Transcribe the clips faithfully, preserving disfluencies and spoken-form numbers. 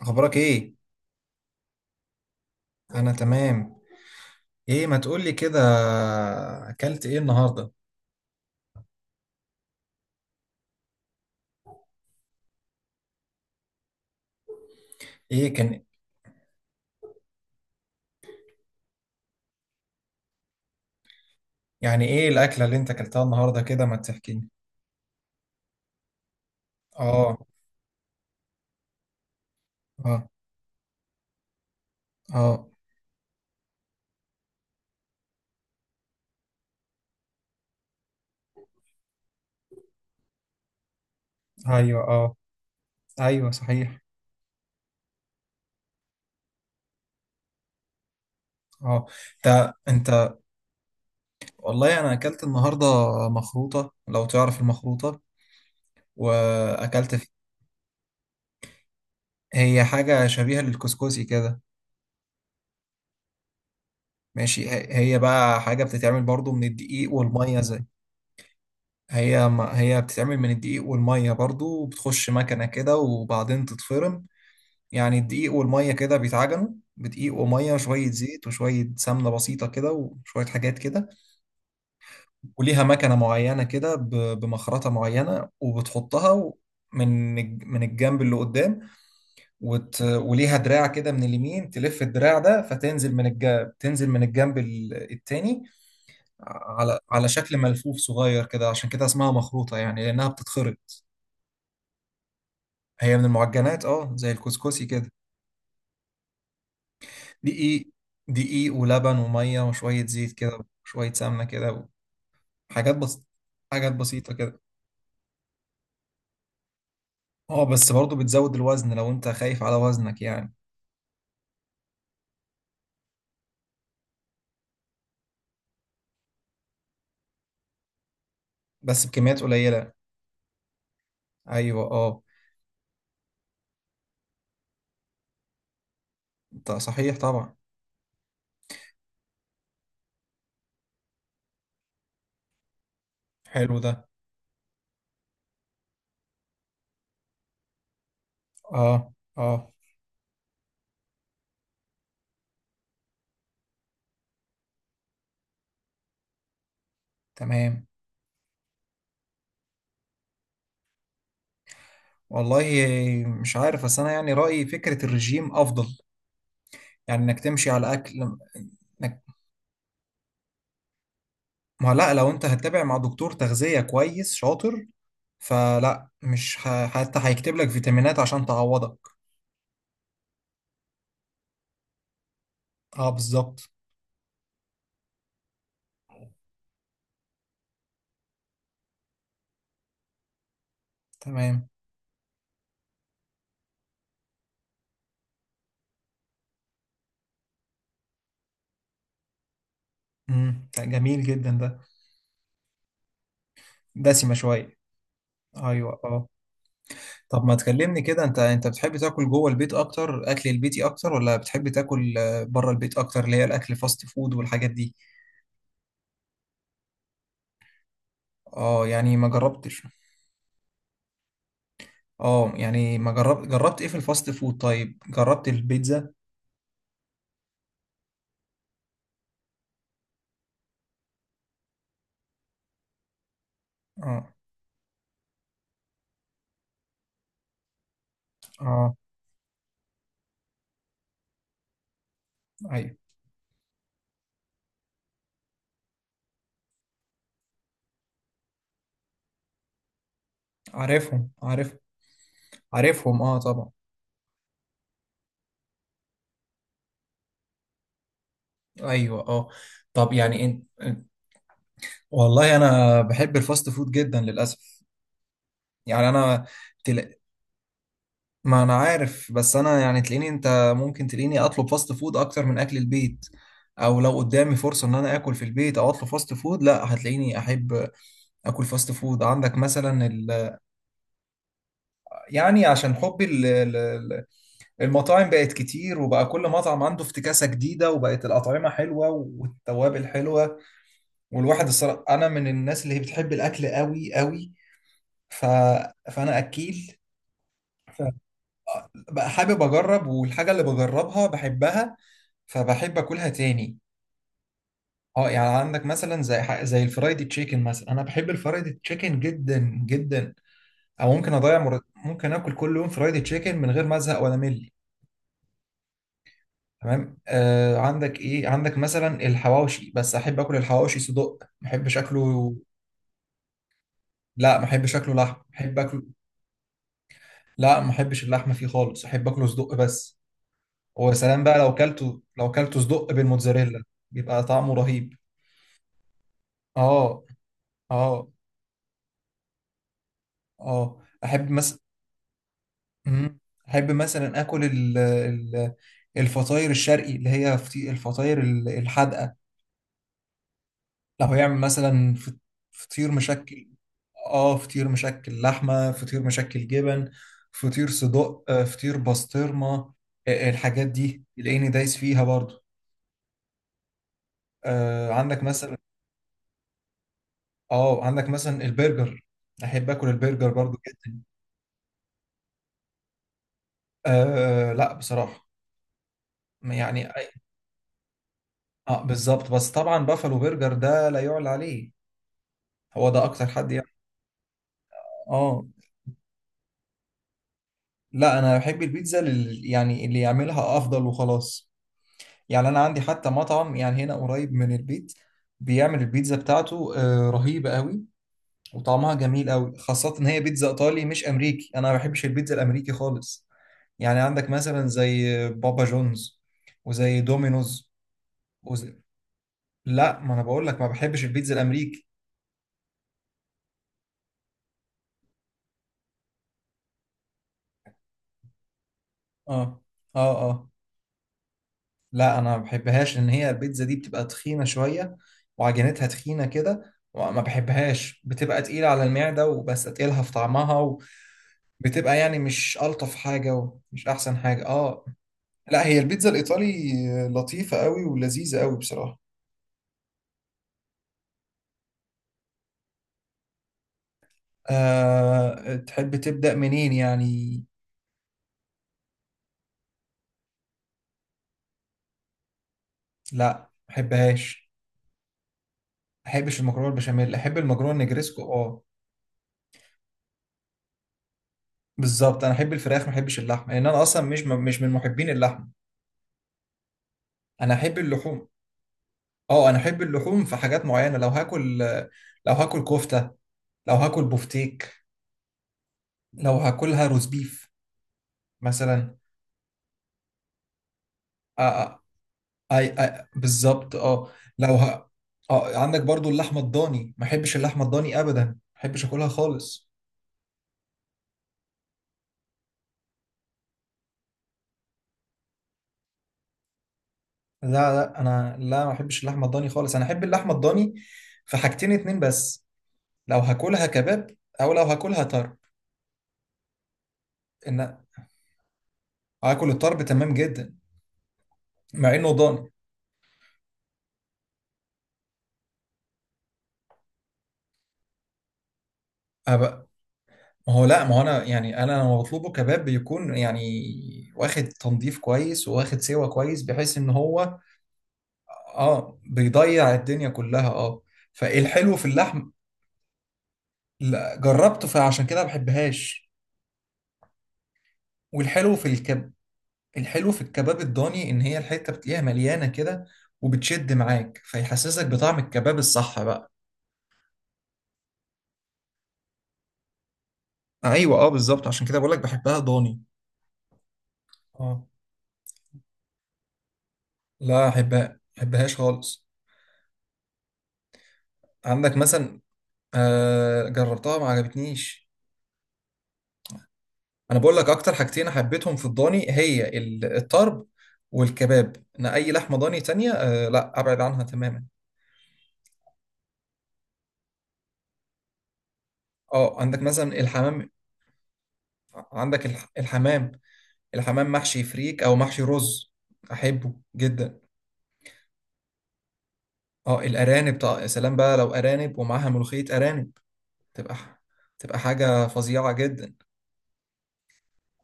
اخبارك ايه؟ انا تمام. ايه ما تقولي كده؟ اكلت ايه النهارده؟ ايه كان؟ يعني ايه الاكله اللي انت اكلتها النهارده كده ما تحكيني؟ اه. اه. اه. ايوه، اه. ايوه صحيح. اه. انت انت، والله انا اكلت النهارده مخروطه، لو تعرف المخروطه. واكلت في... هي حاجه شبيهه للكسكسي كده. ماشي، هي هي بقى حاجه بتتعمل برضو من الدقيق والميه، زي هي. ما هي بتتعمل من الدقيق والمية برضو، وبتخش مكنة كده وبعدين تتفرم. يعني الدقيق والمية كده بيتعجنوا بدقيق ومية شوية زيت وشوية سمنة بسيطة كده وشوية حاجات كده. وليها مكنة معينة كده، ب- بمخرطة معينة وبتحطها و- من الج- من الجنب اللي قدام. وت... وليها دراع كده من اليمين، تلف الدراع ده فتنزل من الجنب، تنزل من الجنب ال- التاني، على على شكل ملفوف صغير كده. عشان كده اسمها مخروطة، يعني لأنها بتتخرط. هي من المعجنات، اه، زي الكسكسي كده. دقيق. دقيق ولبن وميه وشويه زيت كده وشويه سمنه كده وحاجات بس. حاجات بسيطه كده. اه بس برضه بتزود الوزن لو انت خايف على وزنك يعني. بس بكميات قليله. ايوه، اه. انت صحيح طبعا. حلو ده. اه. اه. تمام. والله مش عارف، بس انا يعني رايي فكره الرجيم افضل. يعني انك تمشي على اكل. انك ما لا، لو انت هتتابع مع دكتور تغذية كويس شاطر، فلا، مش ه... حتى هيكتب لك فيتامينات عشان تعوضك. اه بالظبط. تمام. امم جميل جدا ده. دسمة شوية. ايوه، اه. طب ما تكلمني كده، انت انت بتحب تاكل جوه البيت اكتر، اكل البيتي اكتر، ولا بتحب تاكل آه، بره البيت اكتر، اللي هي الاكل فاست فود والحاجات دي؟ اه، يعني ما جربتش. اه يعني ما جربت، جربت ايه في الفاست فود؟ طيب جربت البيتزا؟ اه. اه. ايوه عارفهم، عارف. عارفهم اه طبعا. ايوه اه. طب يعني انت، والله انا بحب الفاست فود جدا للاسف. يعني انا تل... ما انا عارف، بس انا يعني تلاقيني انت، ممكن تلاقيني اطلب فاست فود اكتر من اكل البيت. او لو قدامي فرصة ان انا اكل في البيت او اطلب فاست فود، لا هتلاقيني احب اكل فاست فود. عندك مثلا ال... يعني عشان حبي ال... ال- ال- المطاعم بقت كتير، وبقى كل مطعم عنده افتكاسة جديدة، وبقت الاطعمة حلوة والتوابل حلوة. والواحد الصراحة انا من الناس اللي هي بتحب الاكل قوي قوي. ف... فانا اكيل بقى، حابب اجرب، والحاجه اللي بجربها بحبها، فبحب اكلها تاني. اه، يعني عندك مثلا زي ح- زي الفرايدي تشيكن مثلا، انا بحب الفرايدي تشيكن جدا جدا. او ممكن اضيع مر... ممكن اكل كل يوم فرايدي تشيكن من غير ما ازهق ولا مل. تمام. آه عندك ايه؟ عندك مثلا الحواوشي، بس احب اكل الحواوشي صدق، ما احبش اكله لا. ما احبش اكله لحم، احب اكله. لا ما احبش اللحمه فيه خالص، احب اكله صدق بس. وسلام بقى لو كلته، لو كلته صدق بالموتزاريلا، بيبقى طعمه رهيب. اه. اه. اه. احب مثلا. احب مثلا اكل ال- ال- الفطاير الشرقي، اللي هي فطي- الفطاير ال- الحادقه. لو هيعمل مثلا فط- فطير مشكل. اه، فطير مشكل لحمه، فطير مشكل جبن، فطير صدق، آه، فطير بسطرمه. آه، الحاجات دي تلاقيني دايس فيها برضو. آه عندك مثلا. اه عندك مثلا البرجر، احب اكل البرجر برضو جدا. آه لا بصراحه، يعني اه بالظبط، بس طبعا بافالو برجر ده لا يعلى عليه. هو ده اكتر حد يعني. اه. لا انا بحب البيتزا لل... يعني اللي يعملها افضل وخلاص. يعني انا عندي حتى مطعم يعني هنا قريب من البيت، بيعمل البيتزا بتاعته آه رهيبة قوي، وطعمها جميل قوي. خاصة ان هي بيتزا ايطالي مش امريكي، انا ما بحبش البيتزا الامريكي خالص. يعني عندك مثلا زي بابا جونز، وزي دومينوز، وزي... لا ما انا بقول لك ما بحبش البيتزا الامريكي. اه. اه. اه. لا انا ما بحبهاش لان هي البيتزا دي بتبقى تخينه شويه، وعجينتها تخينه كده وما بحبهاش، بتبقى تقيله على المعده، وبس تقيلها في طعمها. وبتبقى يعني مش الطف حاجه ومش احسن حاجه، اه. لا هي البيتزا الايطالي لطيفه قوي ولذيذه قوي بصراحه. أه تحب تبدا منين يعني. لا ما بحبهاش. ما بحبش المكرونه البشاميل، احب المكرونه النجريسكو اه. بالظبط، انا احب الفراخ ما احبش اللحمه، لان انا اصلا مش مش من محبين اللحمه. انا احب اللحوم. اه انا احب اللحوم في حاجات معينه. لو هاكل، لو هاكل كفته، لو هاكل بفتيك، لو هاكلها روز بيف مثلا. آه، آه، آي آي بالظبط اه. لو ه... اه، عندك برضو اللحمه الضاني، ما احبش اللحمه الضاني ابدا، ما احبش اكلها خالص. لا لا انا لا، ما احبش اللحمه الضاني خالص، انا احب اللحمه الضاني في حاجتين اتنين بس. لو هاكلها كباب، او لو هاكلها طرب. ان هاكل الطرب تمام جدا، مع انه ضاني. ما هو لا، ما هو انا يعني انا لما بطلبه كباب بيكون يعني واخد تنظيف كويس وواخد سوا كويس، بحيث ان هو اه بيضيع الدنيا كلها اه. فالحلو في اللحم. لا جربته، فعشان كده ما بحبهاش. والحلو في الكب الحلو في الكباب الضاني، ان هي الحته بتلاقيها مليانه كده وبتشد معاك، فيحسسك بطعم الكباب الصح بقى. ايوه اه بالظبط، عشان كده بقول لك بحبها ضاني. اه لا احبها، ما احبهاش خالص. عندك مثلا. آه جربتها ما عجبتنيش. انا بقول لك اكتر حاجتين حبيتهم في الضاني، هي ال- الطرب والكباب. انا اي لحمه ضاني تانية آه لا ابعد عنها تماما. اه عندك مثلا الحمام. عندك الح- الحمام. الحمام محشي فريك او محشي رز احبه جدا. اه الارانب طبعا. يا سلام بقى لو ارانب، ومعاها ملوخيه، ارانب تبقى ح- تبقى حاجه فظيعه جدا.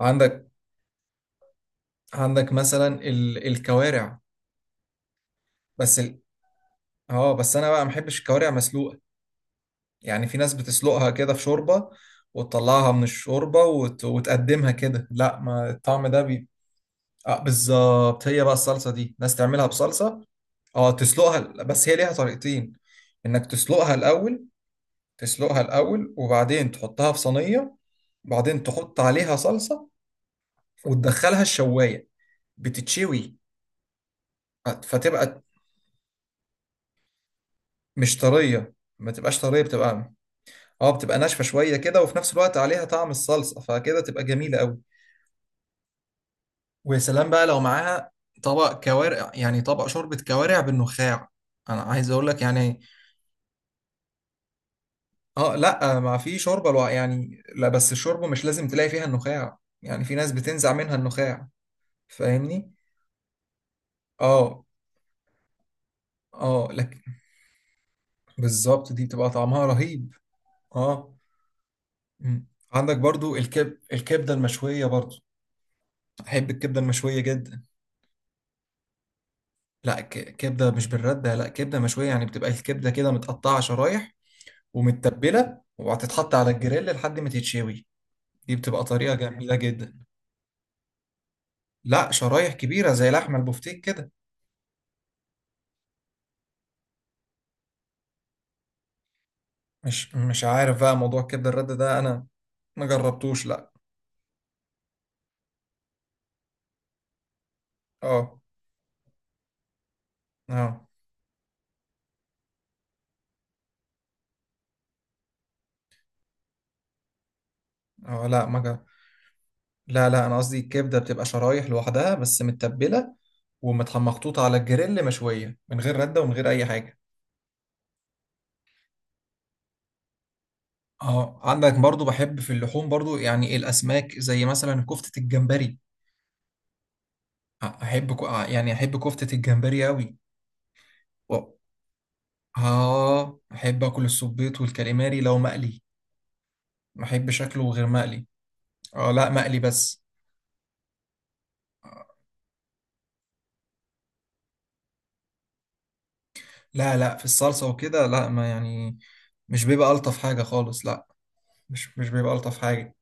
عندك. عندك مثلا ال- الكوارع. بس ال... اه بس انا بقى ما بحبش الكوارع مسلوقه. يعني في ناس بتسلقها كده في شوربة وتطلعها من الشوربة، وت... وتقدمها كده، لا ما الطعم ده بي... آه بالظبط. هي بقى الصلصة دي، ناس تعملها بصلصة. اه، تسلقها، بس هي ليها طريقتين. انك تسلقها الأول. تسلقها الأول وبعدين تحطها في صينية، وبعدين تحط عليها صلصة وتدخلها الشواية، بتتشوي. فتبقى مش طرية، ما تبقاش طرية، بتبقى اه، بتبقى ناشفة شوية كده، وفي نفس الوقت عليها طعم الصلصة، فكده تبقى جميلة قوي. ويا سلام بقى لو معاها طبق كوارع، يعني طبق شوربة كوارع بالنخاع. انا عايز اقول لك يعني اه. لا ما في شوربة الو... يعني لا، بس الشوربة مش لازم تلاقي فيها النخاع، يعني في ناس بتنزع منها النخاع. فاهمني. اه. اه لكن. بالظبط، دي بتبقى طعمها رهيب. اه. مم. عندك برضو الكب... الكبدة المشوية برضو. احب الكبدة المشوية جدا. لا ك... كبدة مش بالردة، لا كبدة مشوية. يعني بتبقى الكبدة كده متقطعة شرايح، ومتبله، وهتتحط على الجريل لحد ما تتشوي. دي بتبقى طريقه جميله جدا. لا شرايح كبيره زي لحم البفتيك كده. مش مش عارف بقى موضوع كبد الرد ده انا، ما جربتوش لا. اه. اه. اه. لا ما جرب. لا لا، انا قصدي الكبده بتبقى شرايح لوحدها بس متبله، ومحطوطه على الجريل مشويه، من غير رده ومن غير اي حاجه. اه، عندك برضو بحب في اللحوم برضو يعني الاسماك، زي مثلا كفته الجمبري. أ- احب كو- آه، يعني احب كفته الجمبري قوي. اه احب اكل السبيط والكاليماري لو مقلي. ما احبش شكله غير مقلي. اه لا مقلي بس. لا لا في الصلصة وكده لا، ما يعني مش بيبقى ألطف حاجة خالص لا. مش مش بيبقى ألطف حاجة.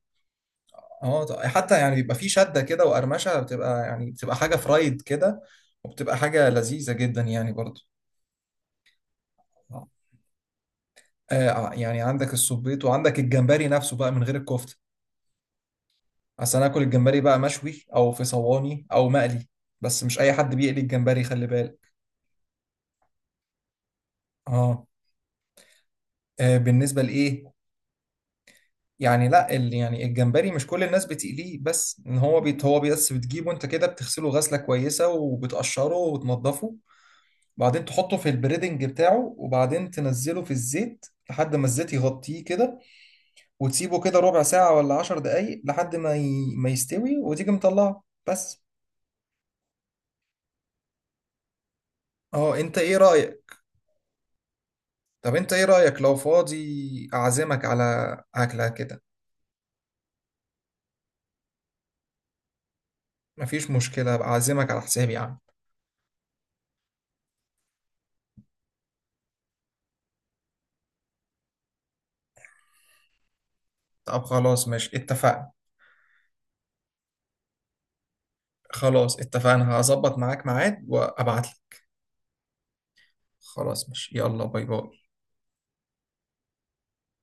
اه ط- حتى يعني بيبقى فيه شدة كده وقرمشة، بتبقى يعني بتبقى حاجة فرايد كده، وبتبقى حاجة لذيذة جدا يعني برضو. آه آه، يعني عندك السبيط وعندك الجمبري نفسه بقى من غير الكفتة. أصل أنا آكل الجمبري بقى مشوي أو في صواني أو مقلي. بس مش أي حد بيقلي الجمبري، خلي بالك. اه. آه، بالنسبه لايه. يعني لا ال- يعني الجمبري مش كل الناس بتقليه، بس ان هو بيت هو بس بتجيبه انت كده، بتغسله غسله كويسه وبتقشره وتنضفه، وبعدين تحطه في البريدنج بتاعه، وبعدين تنزله في الزيت لحد ما الزيت يغطيه كده، وتسيبه كده ربع ساعه ولا عشر دقايق لحد ما ي... ما يستوي، وتيجي مطلعه بس. اه انت ايه رايك؟ طب انت ايه رايك لو فاضي اعزمك على اكله كده. مفيش مشكله، أبقى اعزمك على حسابي يعني. طب خلاص ماشي اتفقنا. خلاص اتفقنا، هظبط معاك ميعاد وابعت لك. خلاص ماشي، يلا باي باي.